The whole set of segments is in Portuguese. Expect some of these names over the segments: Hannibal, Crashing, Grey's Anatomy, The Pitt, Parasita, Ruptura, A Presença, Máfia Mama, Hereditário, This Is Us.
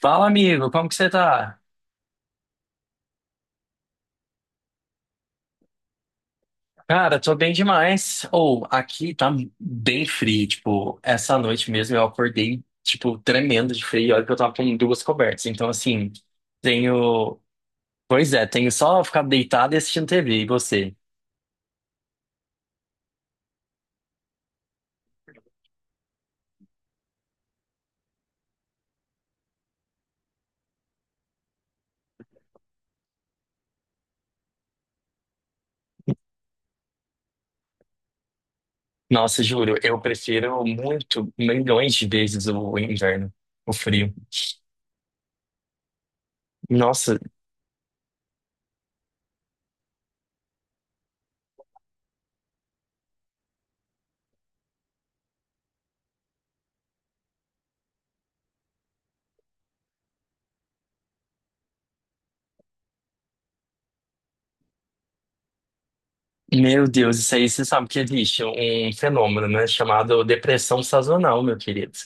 Fala, amigo, como que você tá? Cara, tô bem demais. Ou, aqui tá bem frio, tipo, essa noite mesmo eu acordei, tipo, tremendo de frio, olha que eu tava com duas cobertas. Então, assim, tenho... Pois é, tenho só ficar deitado e assistindo TV, e você? Nossa, juro, eu prefiro muito, milhões de vezes o inverno, o frio. Nossa, meu Deus, isso aí você sabe que existe um fenômeno, né, chamado depressão sazonal, meu querido.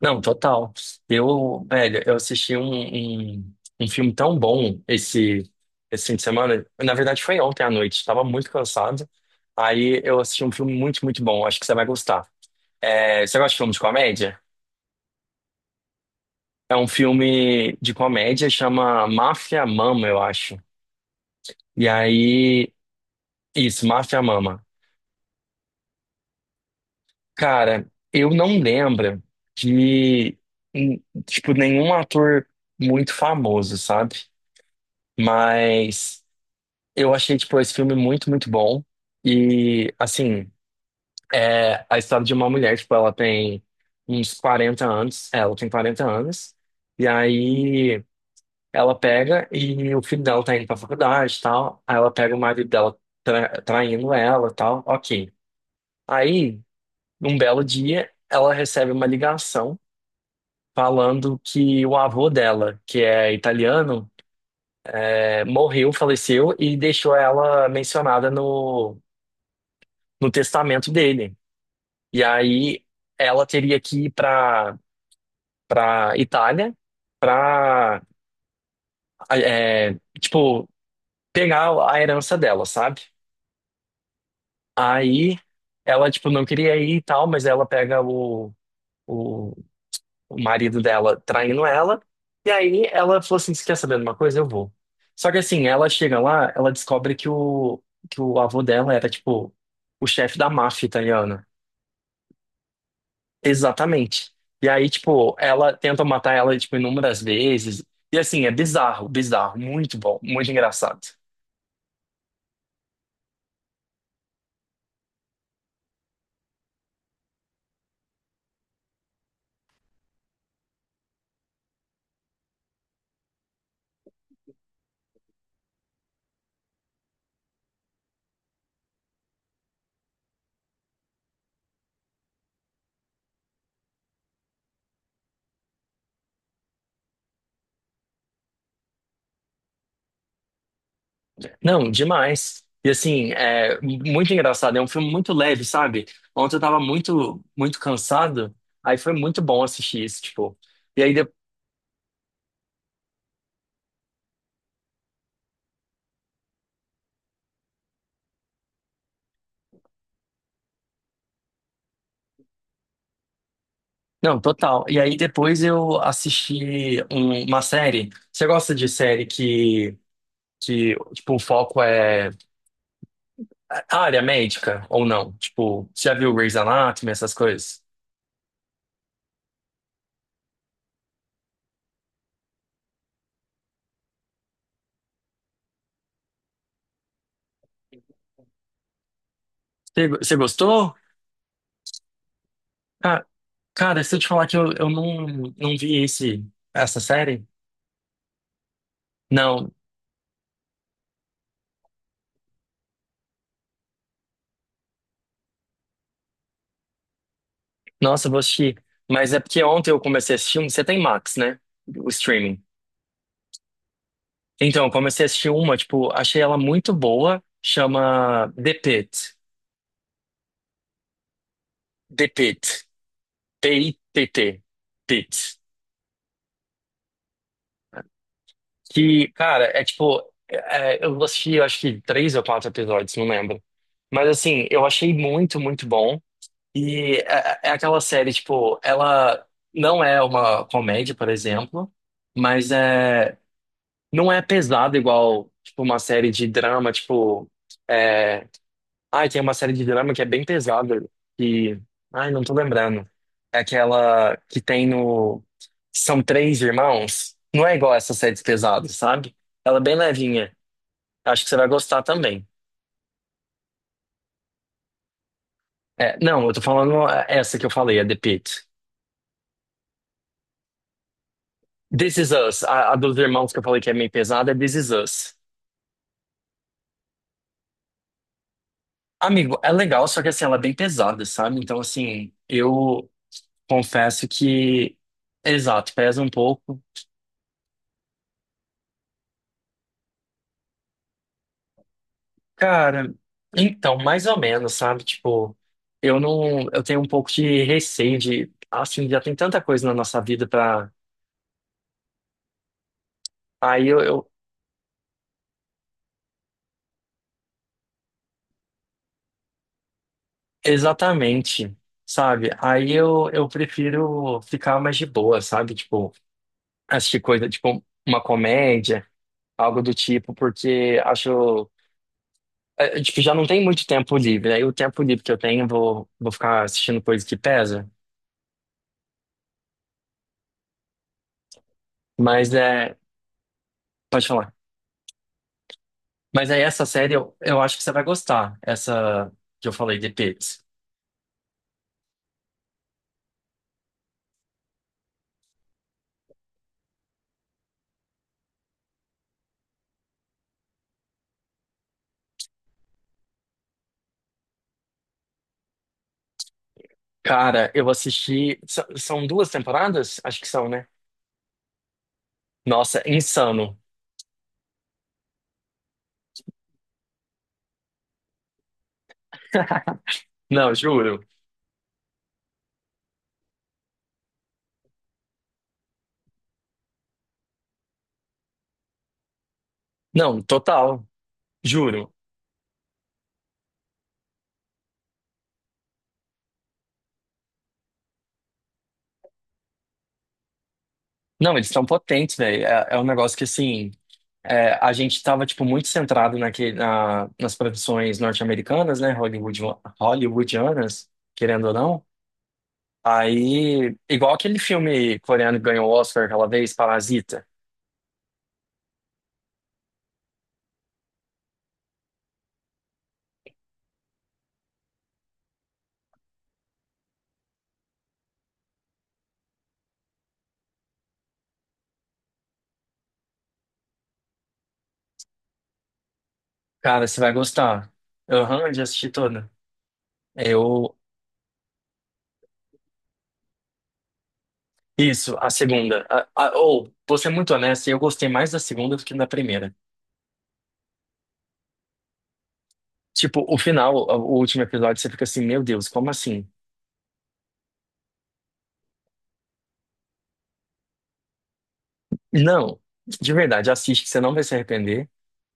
Não, total. Eu, velho, eu assisti um filme tão bom esse fim de semana. Na verdade, foi ontem à noite. Estava muito cansado. Aí eu assisti um filme muito, muito bom. Acho que você vai gostar. É, você gosta de filme de comédia? É um filme de comédia, chama Máfia Mama, eu acho. E aí. Isso, Máfia Mama. Cara, eu não lembro de, hum, tipo, nenhum ator muito famoso, sabe? Mas eu achei, tipo, esse filme muito, muito bom. E, assim, é a história de uma mulher, tipo, ela tem uns 40 anos. Ela tem 40 anos. E aí ela pega e o filho dela tá indo pra faculdade e tal. Aí ela pega o marido dela traindo ela e tal. Ok. Aí. Um belo dia, ela recebe uma ligação falando que o avô dela, que é italiano, morreu, faleceu e deixou ela mencionada no, no testamento dele. E aí ela teria que ir para para Itália para tipo pegar a herança dela, sabe? Aí ela tipo não queria ir e tal, mas ela pega o o marido dela traindo ela. E aí ela falou assim: Você quer saber de uma coisa? Eu vou. Só que assim, ela chega lá, ela descobre que o avô dela era, tipo, o chefe da máfia italiana. Exatamente. E aí, tipo, ela tenta matar ela, tipo, inúmeras vezes. E assim, é bizarro, bizarro. Muito bom, muito engraçado. Não, demais. E assim, é muito engraçado. É um filme muito leve, sabe? Ontem eu tava muito, muito cansado. Aí foi muito bom assistir isso, tipo. E aí. Não, total. E aí depois eu assisti uma série. Você gosta de série que tipo, o foco é a área médica ou não? Tipo, você já viu Grey's Anatomy, essas coisas? Você, você gostou? Ca- Cara, se eu te falar que eu não, não vi esse, essa série? Não. Nossa, eu vou assistir. Mas é porque ontem eu comecei a assistir um. Você tem Max, né? O streaming. Então, eu comecei a assistir uma, tipo, achei ela muito boa. Chama The Pitt. The Pitt. T-I-T-T. Tit. Que, cara, é tipo. Eu assisti, eu acho que três ou quatro episódios, não lembro. Mas, assim, eu achei muito, muito bom. E é, é aquela série, tipo, ela não é uma comédia, por exemplo, mas é, não é pesada igual, tipo, uma série de drama, tipo. é, Ai, tem uma série de drama que é bem pesada, que... Ai, não tô lembrando. É aquela que tem no... São três irmãos. Não é igual essas séries pesadas, sabe? Ela é bem levinha. Acho que você vai gostar também. É, não, eu tô falando essa que eu falei, a The Pitt. This Is Us, a dos irmãos que eu falei que é meio pesada, é This Is Us. Amigo, é legal, só que assim, ela é bem pesada, sabe? Então, assim, eu confesso que, exato, pesa um pouco. Cara, então, mais ou menos, sabe? Tipo, eu não, eu tenho um pouco de receio de, assim, já tem tanta coisa na nossa vida pra, aí exatamente, sabe? Aí eu prefiro ficar mais de boa, sabe? Tipo, assistir coisa, tipo, uma comédia, algo do tipo, porque acho, tipo, já não tem muito tempo livre, aí o tempo livre que eu tenho, vou ficar assistindo coisa que pesa, mas é, pode falar. Mas aí essa série eu acho que você vai gostar. Essa que eu falei, The Pigs. Cara, eu assisti. São duas temporadas? Acho que são, né? Nossa, insano. Não, juro. Não, total. Juro. Não, eles estão potentes, velho. É, é um negócio que, assim. A gente tava, tipo, muito centrado naquele, na, nas produções norte-americanas, né? Hollywood, hollywoodianas, querendo ou não. Aí, igual aquele filme coreano que ganhou o Oscar aquela vez, Parasita. Cara, você vai gostar. Aham, eu já assisti toda. Eu. Isso, a segunda. Ou, vou ser muito honesto, eu gostei mais da segunda do que da primeira. Tipo, o final, o último episódio, você fica assim, meu Deus, como assim? Não, de verdade, assiste que você não vai se arrepender.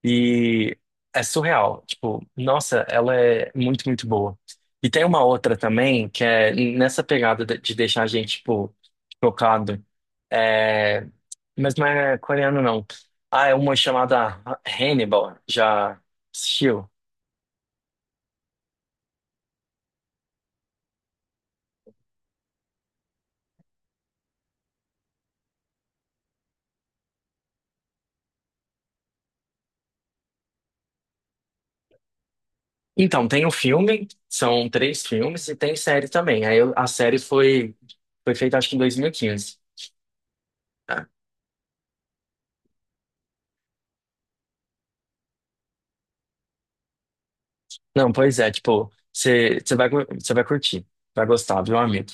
E é surreal. Tipo, nossa, ela é muito, muito boa. E tem uma outra também, que é nessa pegada de deixar a gente, tipo, chocado. É... Mas não é coreano, não. Ah, é uma chamada Hannibal. Já assistiu? Então, tem o filme, são três filmes, e tem série também. A série foi, foi feita, acho que em 2015. Tá? Não, pois é, tipo, você vai, você vai curtir. Vai gostar, viu, amigo?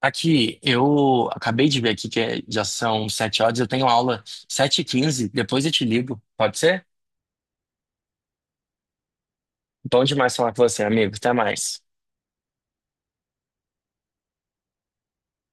Aqui, eu acabei de ver aqui já são 7 horas, eu tenho aula 7h15, depois eu te ligo, pode ser? Bom demais falar com você, amigo, até mais.